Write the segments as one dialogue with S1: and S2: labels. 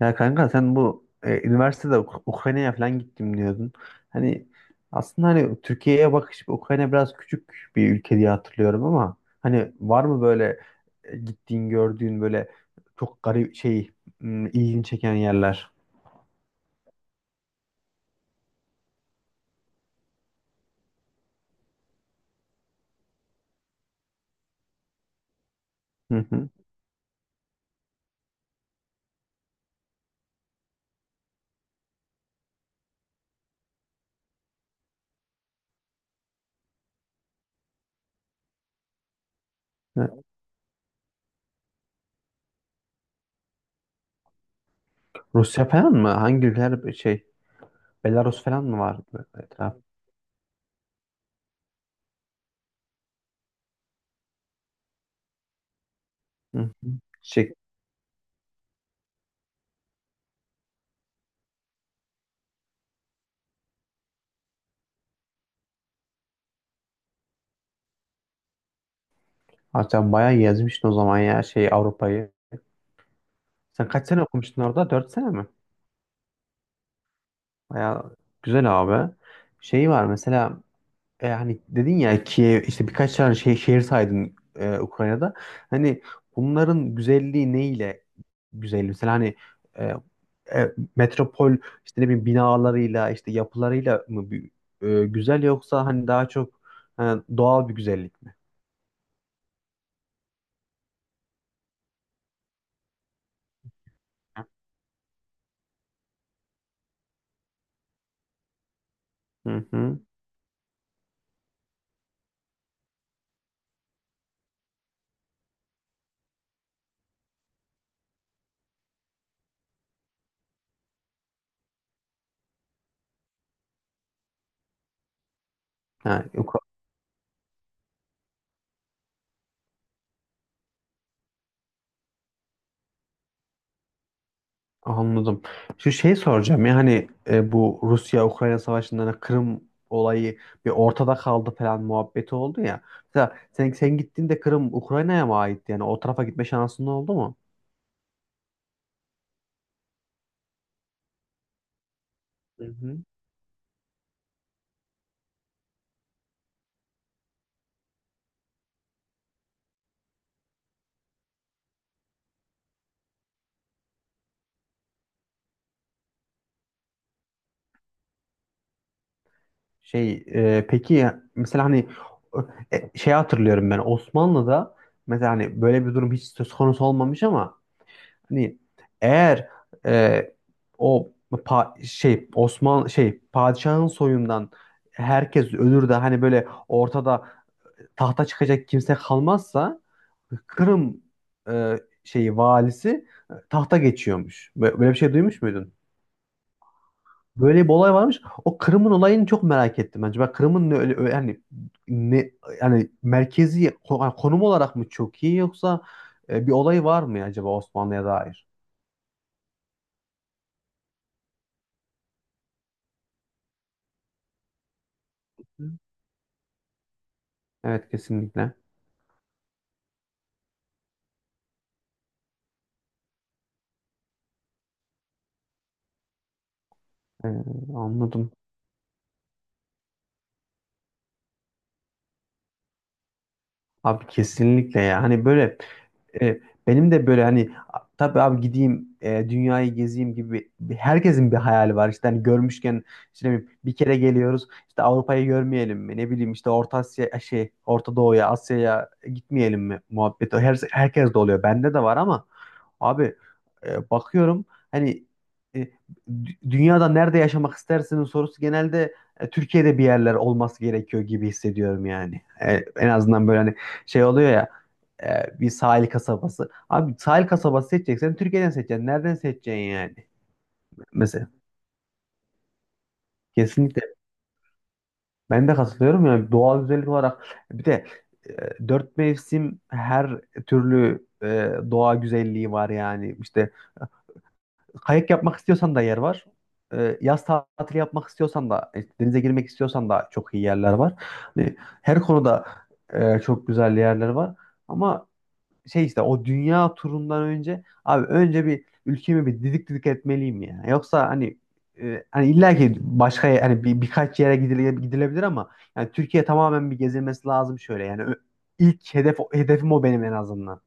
S1: Ya kanka sen bu üniversitede Ukrayna'ya falan gittim diyordun. Hani aslında hani Türkiye'ye bakış Ukrayna biraz küçük bir ülke diye hatırlıyorum ama hani var mı böyle gittiğin gördüğün böyle çok garip ilgini çeken yerler? Hı hı. E, Rusya falan mı? Hangi ülkeler Belarus falan mı var etraf? Hı hı. Şey, ha, Sen bayağı gezmiştin o zaman ya Avrupa'yı. Sen kaç sene okumuştun orada? 4 sene mi? Bayağı güzel abi. Şey var mesela hani dedin ya ki işte birkaç tane şehir saydın Ukrayna'da. Hani bunların güzelliği neyle güzel? Mesela hani e, metropol işte ne bileyim binalarıyla işte yapılarıyla mı güzel yoksa hani daha çok e, doğal bir güzellik mi? Hı hı. Ha, Anladım. Şu şey soracağım ya hani bu Rusya-Ukrayna savaşından hani Kırım olayı bir ortada kaldı falan muhabbeti oldu ya. Mesela sen gittiğinde Kırım Ukrayna'ya mı aitti? Yani o tarafa gitme şansın oldu mu? Hı hı. Peki ya, mesela hani hatırlıyorum ben Osmanlı'da mesela hani böyle bir durum hiç söz konusu olmamış ama hani eğer e, o Osman padişahın soyundan herkes ölür de hani böyle ortada tahta çıkacak kimse kalmazsa Kırım e, şeyi valisi tahta geçiyormuş. Böyle bir şey duymuş muydun? Böyle bir olay varmış. O Kırım'ın olayını çok merak ettim bence. Ben Kırım'ın ne hani ne yani merkezi yani konum olarak mı çok iyi yoksa bir olay var mı acaba Osmanlı'ya dair? Hı. Evet kesinlikle. Ee, anladım. Abi kesinlikle ya. Hani böyle e, benim de böyle hani tabii abi gideyim dünyayı gezeyim gibi herkesin bir hayali var. İşte hani görmüşken işte ne bileyim, bir kere geliyoruz. İşte Avrupa'yı görmeyelim mi? Ne bileyim işte Orta Asya Orta Doğu'ya, Asya'ya gitmeyelim mi muhabbeti. Herkes de oluyor. Bende de var ama abi bakıyorum hani e, dünyada nerede yaşamak istersinin sorusu genelde Türkiye'de bir yerler olması gerekiyor gibi hissediyorum yani. E, en azından böyle hani şey oluyor ya bir sahil kasabası. Abi sahil kasabası seçeceksen Türkiye'den seçeceksin. Nereden seçeceksin yani? Mesela kesinlikle ben de katılıyorum yani doğal güzellik olarak. Bir de dört mevsim her türlü doğa güzelliği var yani işte kayak yapmak istiyorsan da yer var. Yaz tatili yapmak istiyorsan da, denize girmek istiyorsan da çok iyi yerler var. Hani her konuda çok güzel yerler var. Ama şey işte o dünya turundan önce abi önce bir ülkemi bir didik didik etmeliyim ya. Yoksa hani hani illa ki başka hani birkaç yere gidilebilir ama yani Türkiye tamamen bir gezilmesi lazım şöyle. Yani ilk hedefim o benim en azından.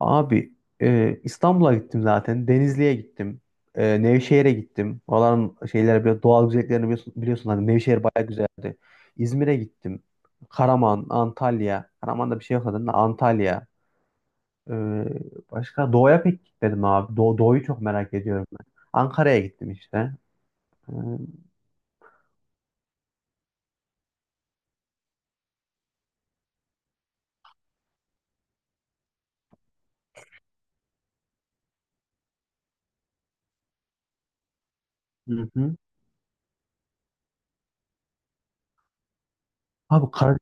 S1: Abi İstanbul'a gittim zaten. Denizli'ye gittim. E, Nevşehir'e gittim. Oraların şeyler biraz doğal güzelliklerini biliyorsun hani Nevşehir baya güzeldi. İzmir'e gittim. Karaman, Antalya. Karaman'da bir şey yok zaten de Antalya. E, başka doğuya pek gitmedim abi. Doğuyu çok merak ediyorum ben. Ankara'ya gittim işte. E, hı hı, abi Kar-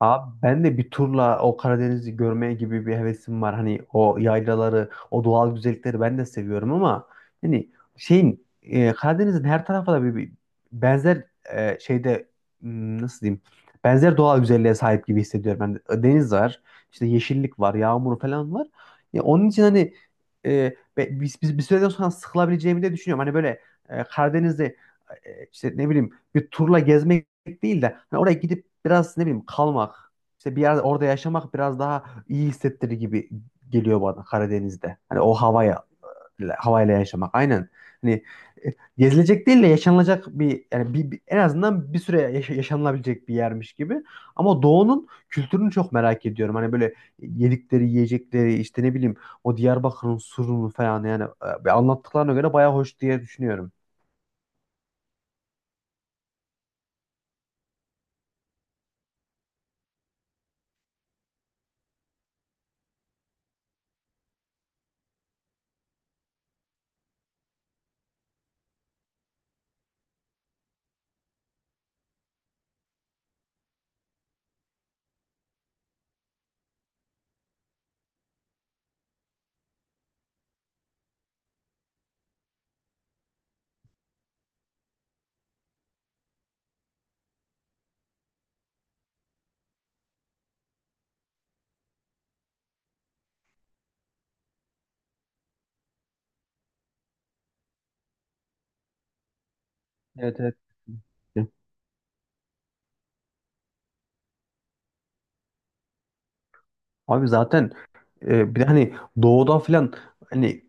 S1: abi ben de bir turla o Karadeniz'i görmeye gibi bir hevesim var. Hani o yaylaları, o doğal güzellikleri ben de seviyorum ama hani şeyin Karadeniz'in her tarafı da bir benzer e, şeyde nasıl diyeyim? Benzer doğal güzelliğe sahip gibi hissediyorum ben. Deniz var, işte yeşillik var, yağmur falan var. Ya onun için hani biz bir süreden sonra sıkılabileceğimi de düşünüyorum. Hani böyle Karadeniz'i işte ne bileyim bir turla gezmek değil de hani oraya gidip biraz ne bileyim kalmak işte bir yerde orada yaşamak biraz daha iyi hissettirir gibi geliyor bana Karadeniz'de. Hani o havaya havayla yaşamak aynen. Hani gezilecek değil de yaşanılacak bir yani en azından bir süre yaşanılabilecek bir yermiş gibi. Ama doğunun kültürünü çok merak ediyorum. Hani böyle yedikleri, yiyecekleri işte ne bileyim o Diyarbakır'ın surunu falan yani anlattıklarına göre bayağı hoş diye düşünüyorum. Evet evet. Abi zaten bir de hani doğuda falan hani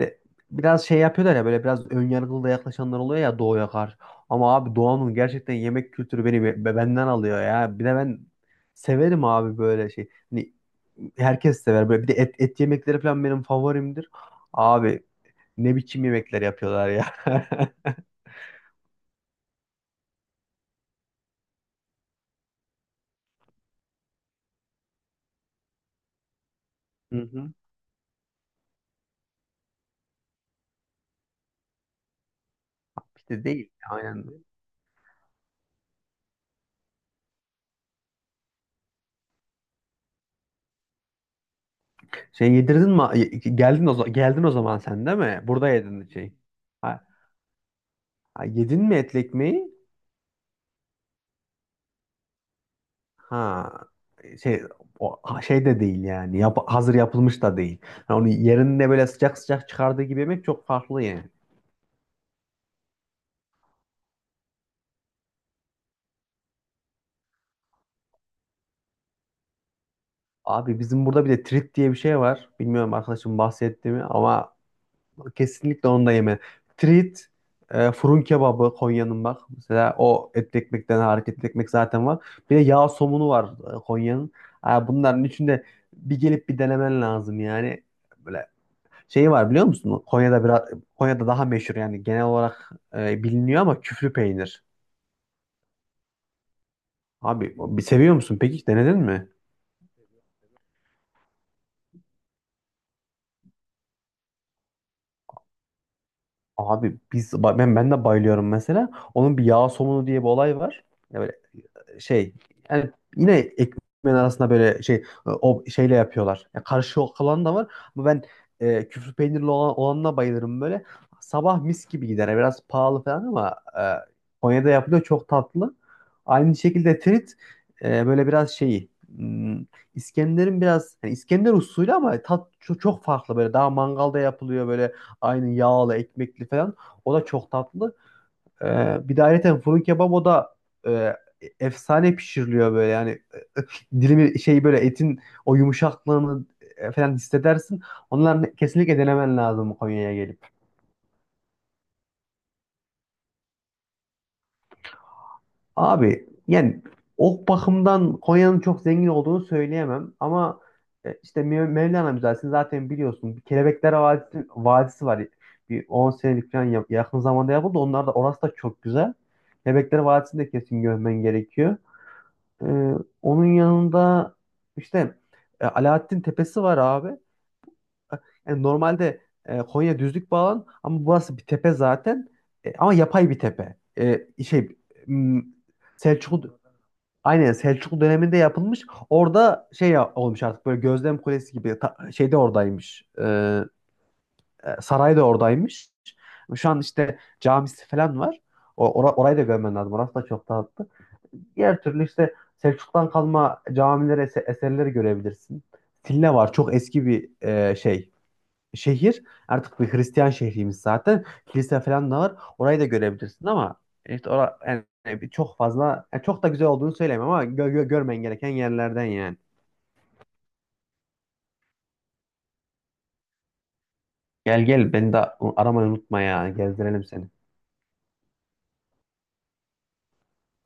S1: de- biraz şey yapıyorlar ya böyle biraz önyargılı da yaklaşanlar oluyor ya doğuya karşı. Ama abi doğanın gerçekten yemek kültürü beni benden alıyor ya. Bir de ben severim abi böyle şey. Hani herkes sever böyle bir de et yemekleri falan benim favorimdir. Abi ne biçim yemekler yapıyorlar ya. Hı hı. İşte değil. Aynen. Şey yedirdin mi? Geldin o zaman sen değil mi? Burada yedin şey. Ha, ha, yedin mi etli ekmeği? Ha şey şey de değil yani hazır yapılmış da değil. Yani onu yerinde böyle sıcak sıcak çıkardığı gibi yemek çok farklı yani. Abi bizim burada bir de trit diye bir şey var. Bilmiyorum arkadaşım bahsetti mi ama kesinlikle onu da yeme. Trit fırın kebabı Konya'nın bak. Mesela o etli ekmekten hareketli ekmek zaten var. Bir de yağ somunu var Konya'nın. Ha, bunların içinde bir gelip bir denemen lazım yani. Böyle şeyi var biliyor musun? Konya'da biraz Konya'da daha meşhur yani genel olarak biliniyor ama küflü peynir. Abi bir seviyor musun? Peki denedin mi? Abi biz ben ben de bayılıyorum mesela. Onun bir yağ somunu diye bir olay var. Evet, şey yani yine ekmeğin arasında böyle o şeyle yapıyorlar. Yani karışık olan da var ama ben küflü peynirli olanına bayılırım böyle. Sabah mis gibi gider. Yani biraz pahalı falan ama Konya'da yapılıyor çok tatlı. Aynı şekilde trit böyle biraz hmm, İskender'in biraz yani İskender usulü ama tat çok farklı böyle daha mangalda yapılıyor böyle aynı yağlı ekmekli falan. O da çok tatlı. Bir de ayrıca fırın kebabı da e, efsane pişiriliyor böyle yani dilimi şey böyle etin o yumuşaklığını falan hissedersin. Onları kesinlikle denemen lazım Konya'ya gelip. Abi yani o bakımdan Konya'nın çok zengin olduğunu söyleyemem ama işte Mevlana Müzesi'ni zaten biliyorsun. Bir Kelebekler Vadisi var. Bir 10 senelik falan yakın zamanda yapıldı. Onlar da orası da çok güzel. Kelebekler Vadisi'ni de kesin görmen gerekiyor. Ee, onun yanında işte Alaaddin Tepesi var abi. Yani normalde Konya düzlük bir alan ama burası bir tepe zaten. E, ama yapay bir tepe. M, Selçuklu aynen Selçuklu döneminde yapılmış. Orada şey olmuş artık böyle gözlem kulesi gibi ta, şey de oradaymış. Saray da oradaymış. Şu an işte camisi falan var. Orayı da görmen lazım. Orası da çok tatlı. Diğer türlü işte Selçuk'tan kalma camilere, eserleri görebilirsin. Silne var. Çok eski bir şey. Şehir. Artık bir Hristiyan şehrimiz zaten. Kilise falan da var. Orayı da görebilirsin ama işte yani çok fazla yani çok da güzel olduğunu söyleyemem ama görmen gereken yerlerden yani. Gel beni de aramayı unutma ya. Gezdirelim seni.